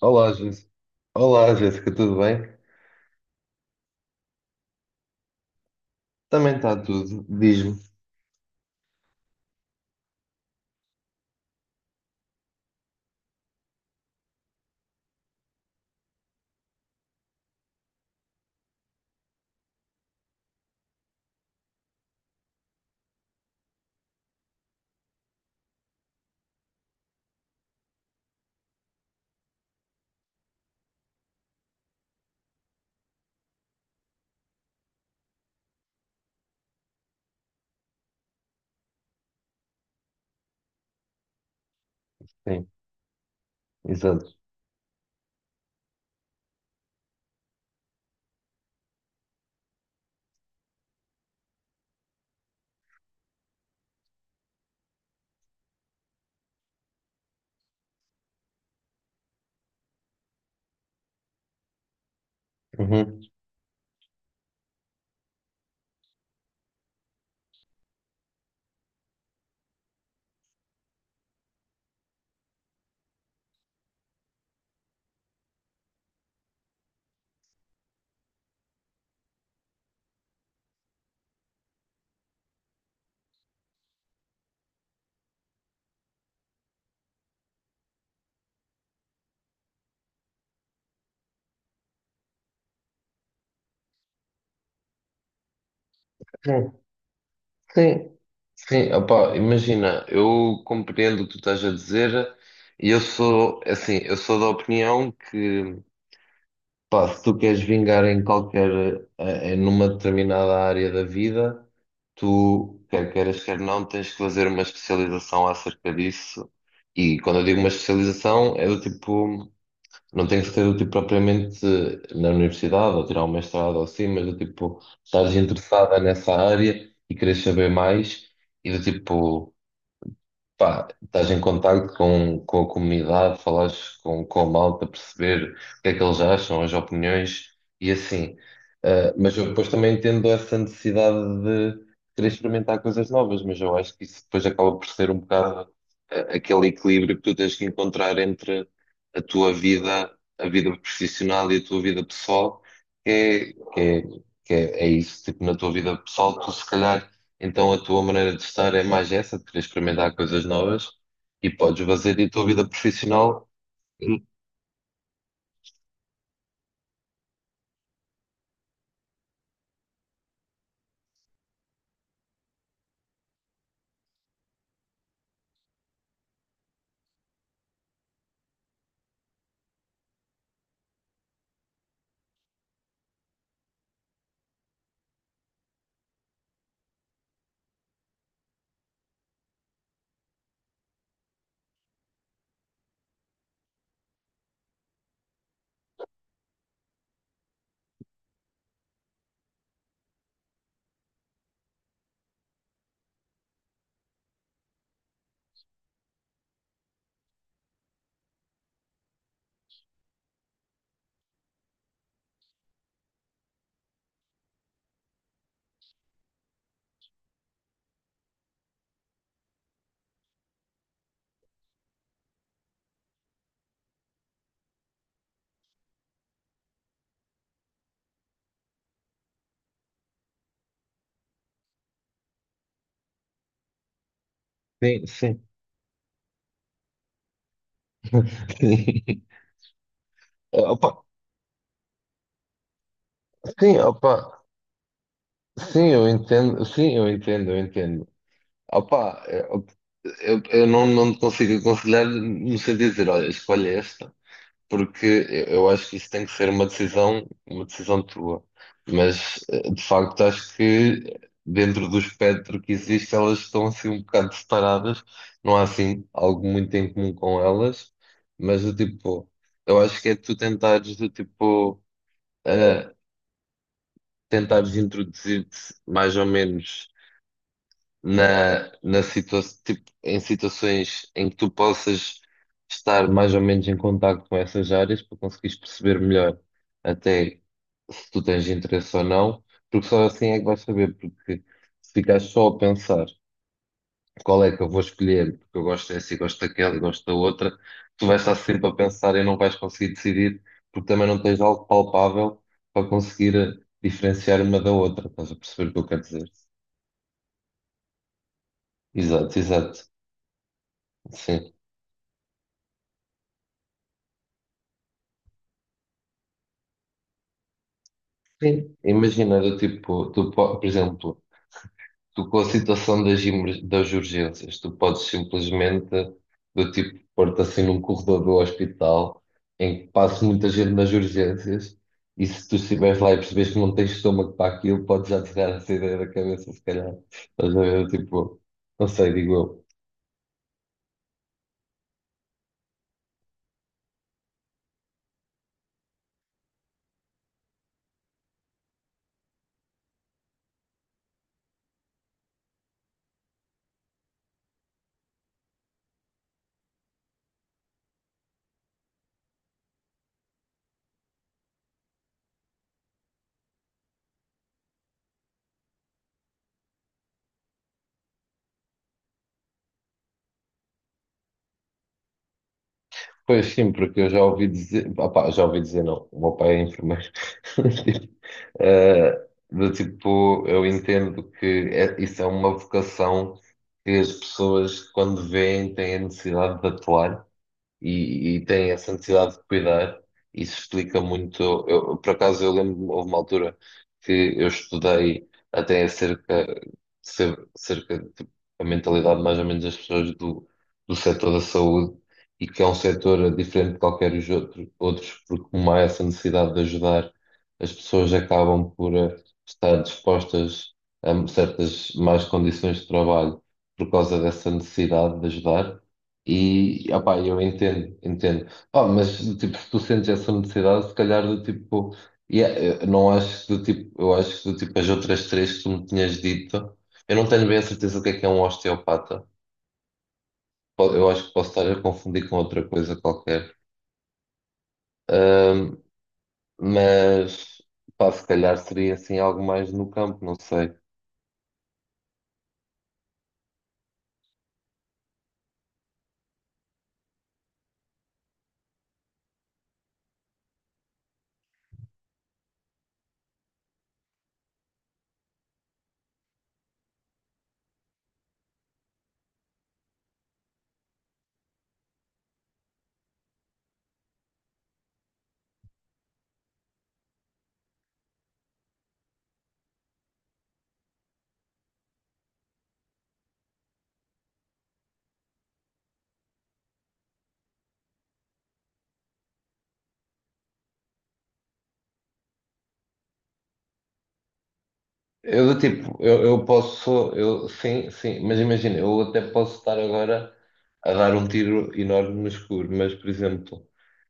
Olá, Jéssica. Olá, Jéssica, tudo bem? Também está tudo, diz-me. Sim, exato. Uhum. Sim, sim, sim. Opá, imagina, eu compreendo o que tu estás a dizer e eu sou, assim, eu sou da opinião que, pá, se tu queres vingar em qualquer, em numa determinada área da vida, tu, quer queiras, quer não, tens que fazer uma especialização acerca disso. E quando eu digo uma especialização, é do tipo. Não tem que ser do tipo propriamente na universidade, ou tirar um mestrado ou assim, mas do tipo, estás interessada nessa área e queres saber mais, e do tipo. Pá, estás em contacto com a comunidade, falas com a malta, perceber o que é que eles acham, as opiniões e assim. Ah, mas eu depois também entendo essa necessidade de querer experimentar coisas novas, mas eu acho que isso depois acaba por ser um bocado aquele equilíbrio que tu tens que encontrar entre a tua vida, a vida profissional e a tua vida pessoal, que é, que é, é isso, tipo, na tua vida pessoal, tu se calhar então a tua maneira de estar é mais essa, de querer experimentar coisas novas e podes fazer a tua vida profissional. Sim, sim. Eh, Opa, sim, opa, sim, eu entendo, eu entendo. Opa, eu não, não te consigo aconselhar no sentido de dizer, olha, escolhe esta. Porque eu acho que isso tem que ser uma decisão tua. Mas de facto acho que dentro do espectro que existe elas estão assim um bocado separadas, não há assim algo muito em comum com elas, mas do tipo, eu acho que é tu tentares do tipo eh, tentares introduzir-te mais ou menos na situa tipo, em situações em que tu possas estar mais ou menos em contacto com essas áreas para conseguires perceber melhor até se tu tens interesse ou não, porque só assim é que vais saber, porque se ficares só a pensar qual é que eu vou escolher, porque eu gosto dessa e gosto daquela e gosto da outra, tu vais estar sempre a pensar e não vais conseguir decidir, porque também não tens algo palpável para conseguir diferenciar uma da outra, estás a perceber o que eu quero dizer? Exato, exato. Sim. Sim, imagina, do tipo, tu, po- por exemplo, tu com a situação das, emer- das urgências, tu podes simplesmente, do tipo, pôr-te assim num corredor do hospital em que passa muita gente nas urgências e se tu estiveres lá e percebes que não tens estômago para aquilo, podes já tirar essa ideia da cabeça, se calhar. Estás a ver, tipo, não sei, digo eu. Pois sim, porque eu já ouvi dizer, opá, já ouvi dizer não, o meu pai é enfermeiro. Tipo, do tipo, eu entendo que é- isso é uma vocação que as pessoas, quando veem, têm a necessidade de atuar e têm essa necessidade de cuidar. Isso explica muito. Eu, por acaso, eu lembro-me, houve uma altura que eu estudei até acerca, cer- cerca de a mentalidade mais ou menos das pessoas do, do setor da saúde e que é um setor diferente de qualquer os outro- outros, porque como há essa necessidade de ajudar, as pessoas acabam por estar dispostas a certas más condições de trabalho por causa dessa necessidade de ajudar e, opá, eu entendo, entendo. Pá, mas, do tipo, se tu sentes essa necessidade, se calhar, do tipo, yeah, eu não acho que, do tipo, eu acho que, do tipo, as outras três que tu me tinhas dito, eu não tenho bem a certeza do que é um osteopata. Po- Eu acho que posso estar a confundir com outra coisa qualquer. Ahm, mas, pá, se calhar seria, assim, algo mais no campo, não sei. Eu do tipo, eu posso, eu sim, sim, mas imagina, eu até posso estar agora a dar um tiro enorme no escuro, mas por exemplo,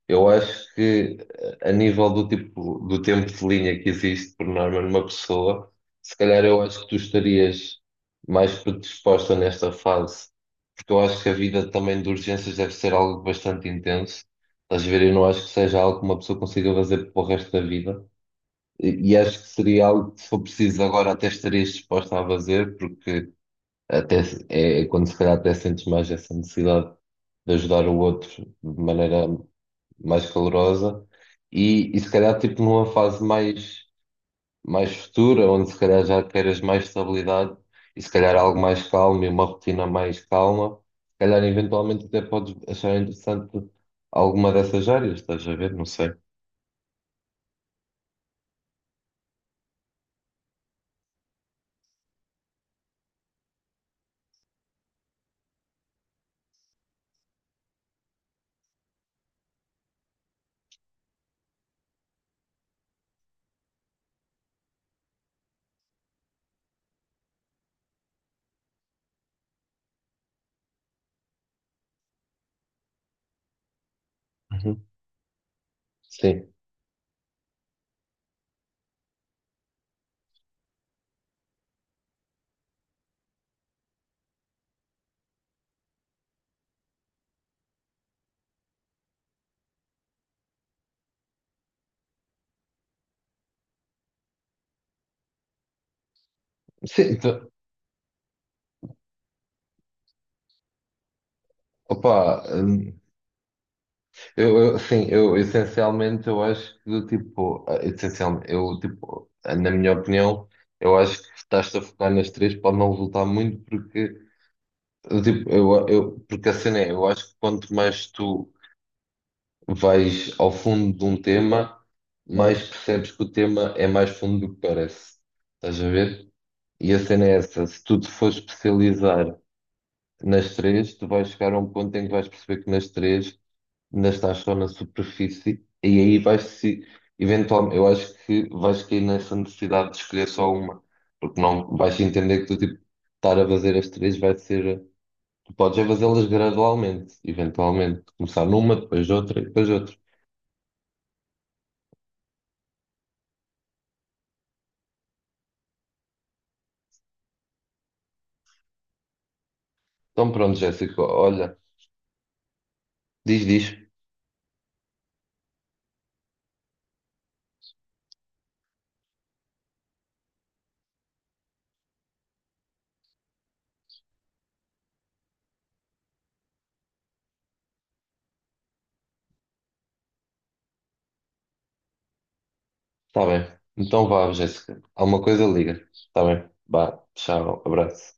eu acho que a nível do tipo do tempo de linha que existe por norma numa pessoa, se calhar eu acho que tu estarias mais predisposta nesta fase, porque eu acho que a vida também de urgências deve ser algo bastante intenso. Estás a ver? Eu não acho que seja algo que uma pessoa consiga fazer para o resto da vida. E acho que seria algo que, se for preciso agora, até estarias disposta a fazer, porque até se- é é quando se calhar até sentes mais essa necessidade de ajudar o outro de maneira mais calorosa. E se calhar, tipo, numa fase mais, mais futura, onde se calhar já queiras mais estabilidade e se calhar algo mais calmo e uma rotina mais calma, se calhar eventualmente até podes achar interessante alguma dessas áreas, estás a ver? Não sei. Uhum. Sim, sim, tu- opa, Eu, essencialmente eu acho que do tipo, essencialmente, eu tipo, na minha opinião, eu acho que estás a focar nas três pode não resultar muito porque do tipo, porque assim é, eu acho que quanto mais tu vais ao fundo de um tema, mais percebes que o tema é mais fundo do que parece. Estás a ver? E a cena é essa, se tu te fores especializar nas três, tu vais chegar a um ponto em que vais perceber que nas três ainda estás só na superfície e aí vais se eventualmente, eu acho que vais cair nessa necessidade de escolher só uma, porque não vais entender que tu tipo, estar a fazer as três vai ser, tu podes é fazê-las gradualmente, eventualmente, começar numa, depois outra e depois outra. Então pronto, Jéssica, olha, diz, diz, está bem. Então vá, Jéssica, alguma coisa liga, está bem? Vá, tchau, abraço.